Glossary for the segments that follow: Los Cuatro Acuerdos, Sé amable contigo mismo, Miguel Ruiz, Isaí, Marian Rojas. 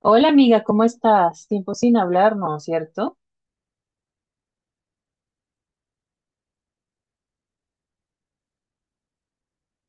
Hola amiga, ¿cómo estás? Tiempo sin hablarnos, ¿cierto?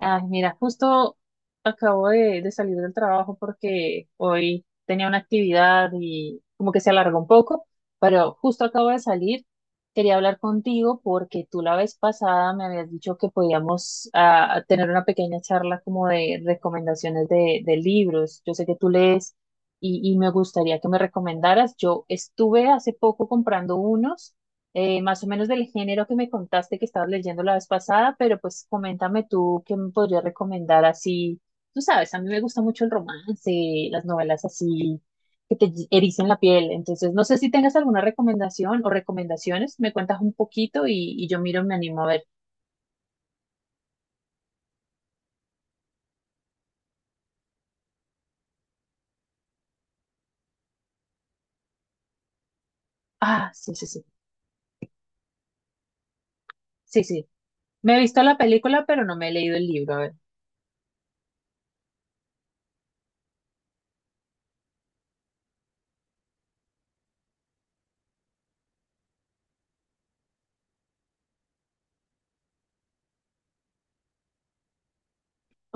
Ay, mira, justo acabo de salir del trabajo porque hoy tenía una actividad y como que se alargó un poco, pero justo acabo de salir. Quería hablar contigo porque tú la vez pasada me habías dicho que podíamos tener una pequeña charla como de recomendaciones de libros. Yo sé que tú lees y me gustaría que me recomendaras. Yo estuve hace poco comprando unos. Más o menos del género que me contaste que estabas leyendo la vez pasada, pero pues coméntame tú qué me podrías recomendar así. Tú sabes, a mí me gusta mucho el romance, las novelas así que te ericen la piel. Entonces, no sé si tengas alguna recomendación o recomendaciones, me cuentas un poquito y yo miro, me animo a ver. Ah, sí, sí, sí, sí, sí. Me he visto la película, pero no me he leído el libro. A ver.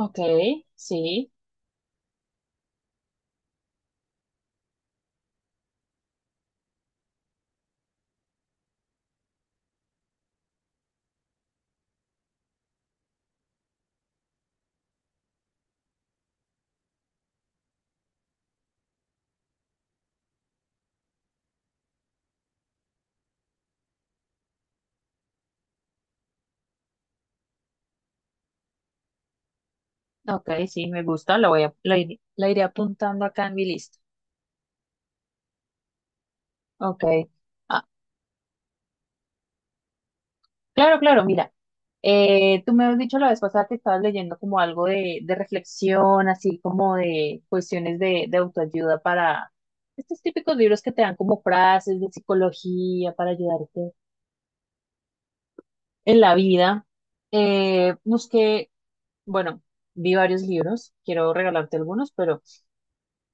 Ok, sí, ok, sí, me gusta, la iré apuntando acá en mi lista. Ok. Ah, claro, claro, mira. Tú me has dicho la vez pasada que estabas leyendo como algo de reflexión, así como de cuestiones de autoayuda para estos típicos libros que te dan como frases de psicología para ayudarte en la vida. Busqué, bueno, vi varios libros, quiero regalarte algunos, pero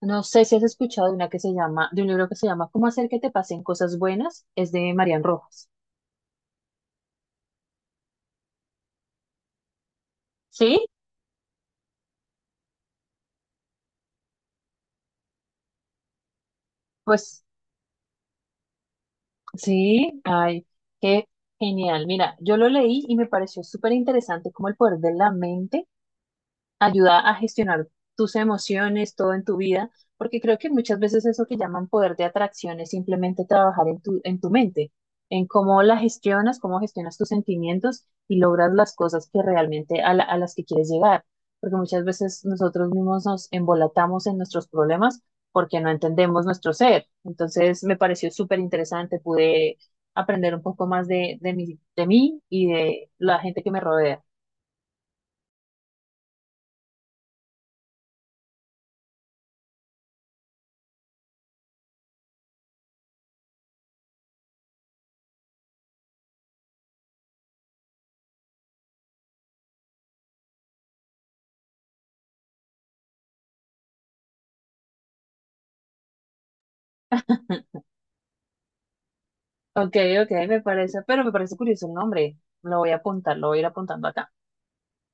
no sé si has escuchado de una que se llama, de un libro que se llama ¿cómo hacer que te pasen cosas buenas? Es de Marian Rojas. ¿Sí? Pues sí, ay, qué genial. Mira, yo lo leí y me pareció súper interesante como el poder de la mente ayuda a gestionar tus emociones, todo en tu vida, porque creo que muchas veces eso que llaman poder de atracción es simplemente trabajar en tu mente, en cómo la gestionas, cómo gestionas tus sentimientos y logras las cosas que realmente a las que quieres llegar, porque muchas veces nosotros mismos nos embolatamos en nuestros problemas porque no entendemos nuestro ser. Entonces me pareció súper interesante, pude aprender un poco más de mí y de la gente que me rodea. Ok, ok, me parece, pero me parece curioso el nombre. Lo voy a apuntar, lo voy a ir apuntando acá.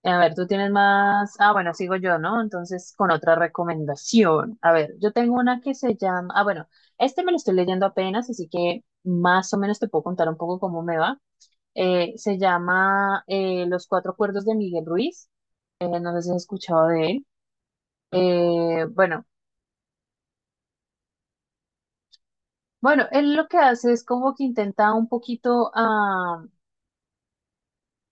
A ver, tú tienes más. Ah, bueno, sigo yo, ¿no? Entonces, con otra recomendación. A ver, yo tengo una que se llama. Ah, bueno, este me lo estoy leyendo apenas, así que más o menos te puedo contar un poco cómo me va. Se llama Los Cuatro Acuerdos de Miguel Ruiz. No sé si has escuchado de él. Eh, bueno, bueno, él lo que hace es como que intenta un poquito.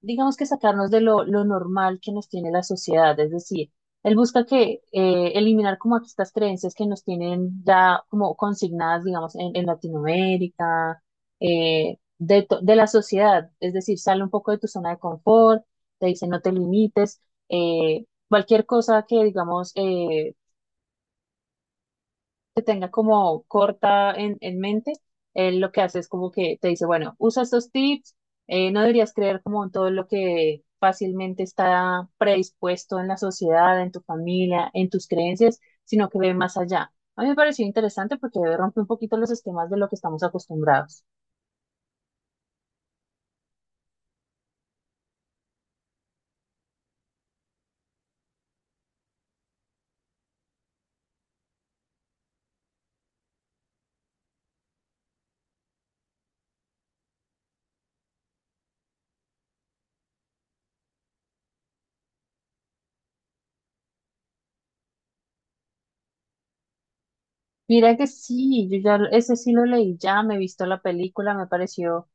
Digamos que sacarnos de lo normal que nos tiene la sociedad, es decir, él busca que eliminar como estas creencias que nos tienen ya como consignadas, digamos, en Latinoamérica, de la sociedad, es decir, sale un poco de tu zona de confort, te dice no te limites, cualquier cosa que, digamos, que tenga como corta en mente, él lo que hace es como que te dice, bueno, usa estos tips, no deberías creer como en todo lo que fácilmente está predispuesto en la sociedad, en tu familia, en tus creencias, sino que ve más allá. A mí me pareció interesante porque rompe un poquito los esquemas de lo que estamos acostumbrados. Mira que sí, yo ya ese sí lo leí, ya me he visto la película, me pareció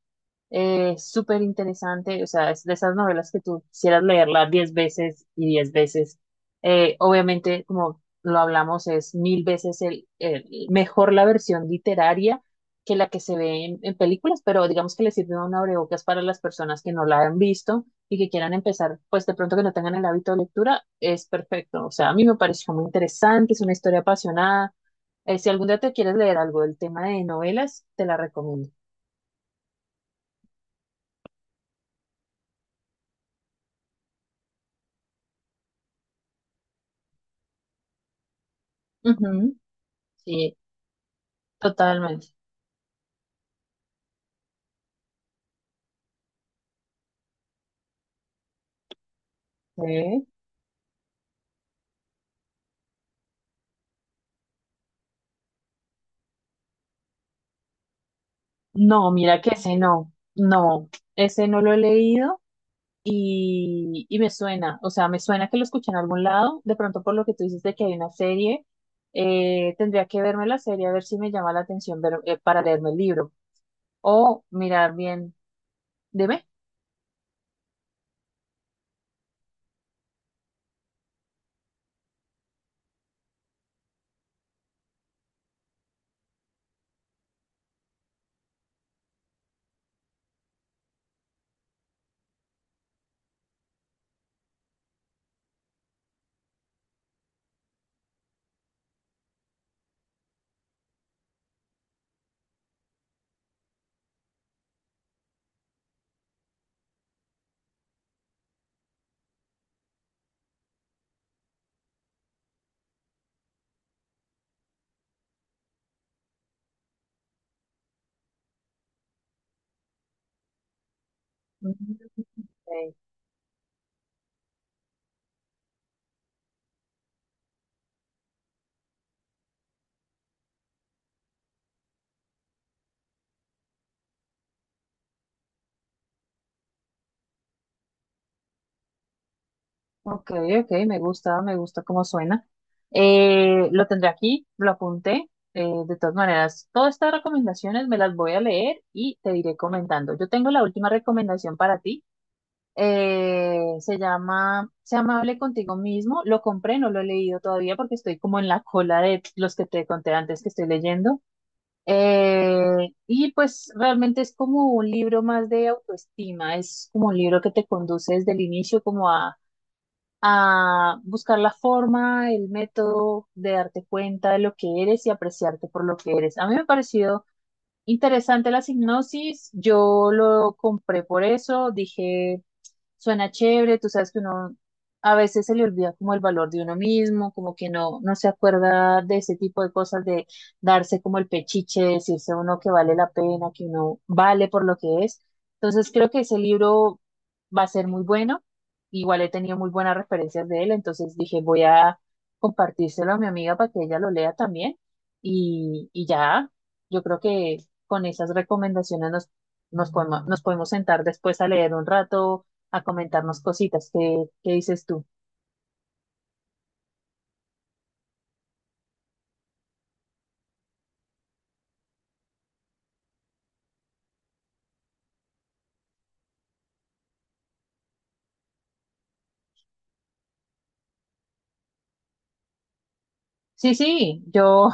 Súper interesante, o sea, es de esas novelas que tú quisieras leerla diez veces y diez veces. Obviamente, como lo hablamos, es mil veces mejor la versión literaria que la que se ve en películas, pero digamos que le sirve un abrebocas para las personas que no la han visto y que quieran empezar, pues de pronto que no tengan el hábito de lectura, es perfecto. O sea, a mí me pareció muy interesante, es una historia apasionada. Si algún día te quieres leer algo del tema de novelas, te la recomiendo. Ujú. Sí, totalmente. Sí. No, mira que ese no, no, ese no lo he leído y me suena, o sea, me suena que lo escuché en algún lado, de pronto por lo que tú dices de que hay una serie, tendría que verme la serie a ver si me llama la atención para leerme el libro o mirar bien, dime. Ujú. Ok, ok, me gusta cómo suena. Lo tendré aquí, lo apunté. De todas maneras, todas estas recomendaciones me las voy a leer y te iré comentando. Yo tengo la última recomendación para ti. Se llama Sé amable contigo mismo. Lo compré, no lo he leído todavía porque estoy como en la cola de los que te conté antes que estoy leyendo. Y pues realmente es como un libro más de autoestima. Es como un libro que te conduce desde el inicio como a buscar la forma, el método de darte cuenta de lo que eres y apreciarte por lo que eres. A mí me pareció interesante la hipnosis, yo lo compré por eso, dije, suena chévere, tú sabes que uno a veces se le olvida como el valor de uno mismo, como que no, no se acuerda de ese tipo de cosas, de darse como el pechiche, de decirse a uno que vale la pena, que uno vale por lo que es. Entonces creo que ese libro va a ser muy bueno. Igual he tenido muy buenas referencias de él, entonces dije, voy a compartírselo a mi amiga para que ella lo lea también. Y, y ya, yo creo que con esas recomendaciones nos podemos sentar después a leer un rato a comentarnos cositas. ¿Qué, qué dices tú? Sí, sí, yo,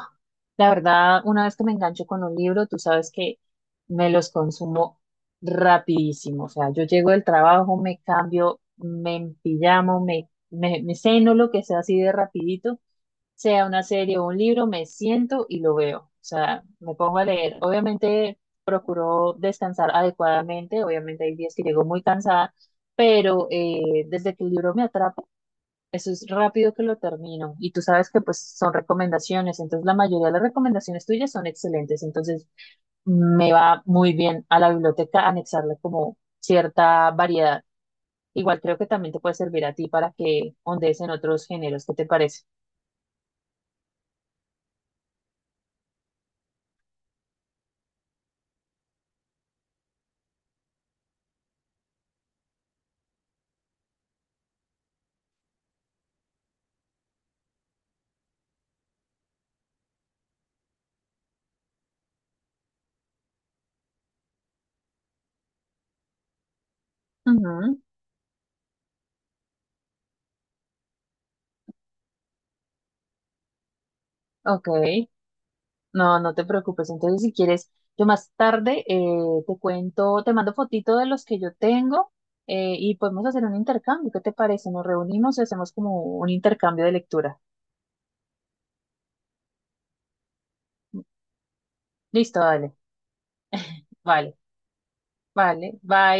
la verdad, una vez que me engancho con un libro, tú sabes que me los consumo rapidísimo. O sea, yo llego del trabajo, me cambio, me empillamo, me ceno lo que sea así de rapidito, sea una serie o un libro, me siento y lo veo. O sea, me pongo a leer. Obviamente procuro descansar adecuadamente, obviamente hay días que llego muy cansada, pero desde que el libro me atrapa, eso es rápido que lo termino. Y tú sabes que pues son recomendaciones. Entonces la mayoría de las recomendaciones tuyas son excelentes. Entonces me va muy bien a la biblioteca anexarle como cierta variedad. Igual creo que también te puede servir a ti para que ondees en otros géneros. ¿Qué te parece? Ujú, ok. No, no te preocupes. Entonces si quieres, yo más tarde te cuento, te mando fotito de los que yo tengo. Y podemos hacer un intercambio, ¿qué te parece? Nos reunimos y hacemos como un intercambio de lectura. Listo, dale. Vale, vale. Bye.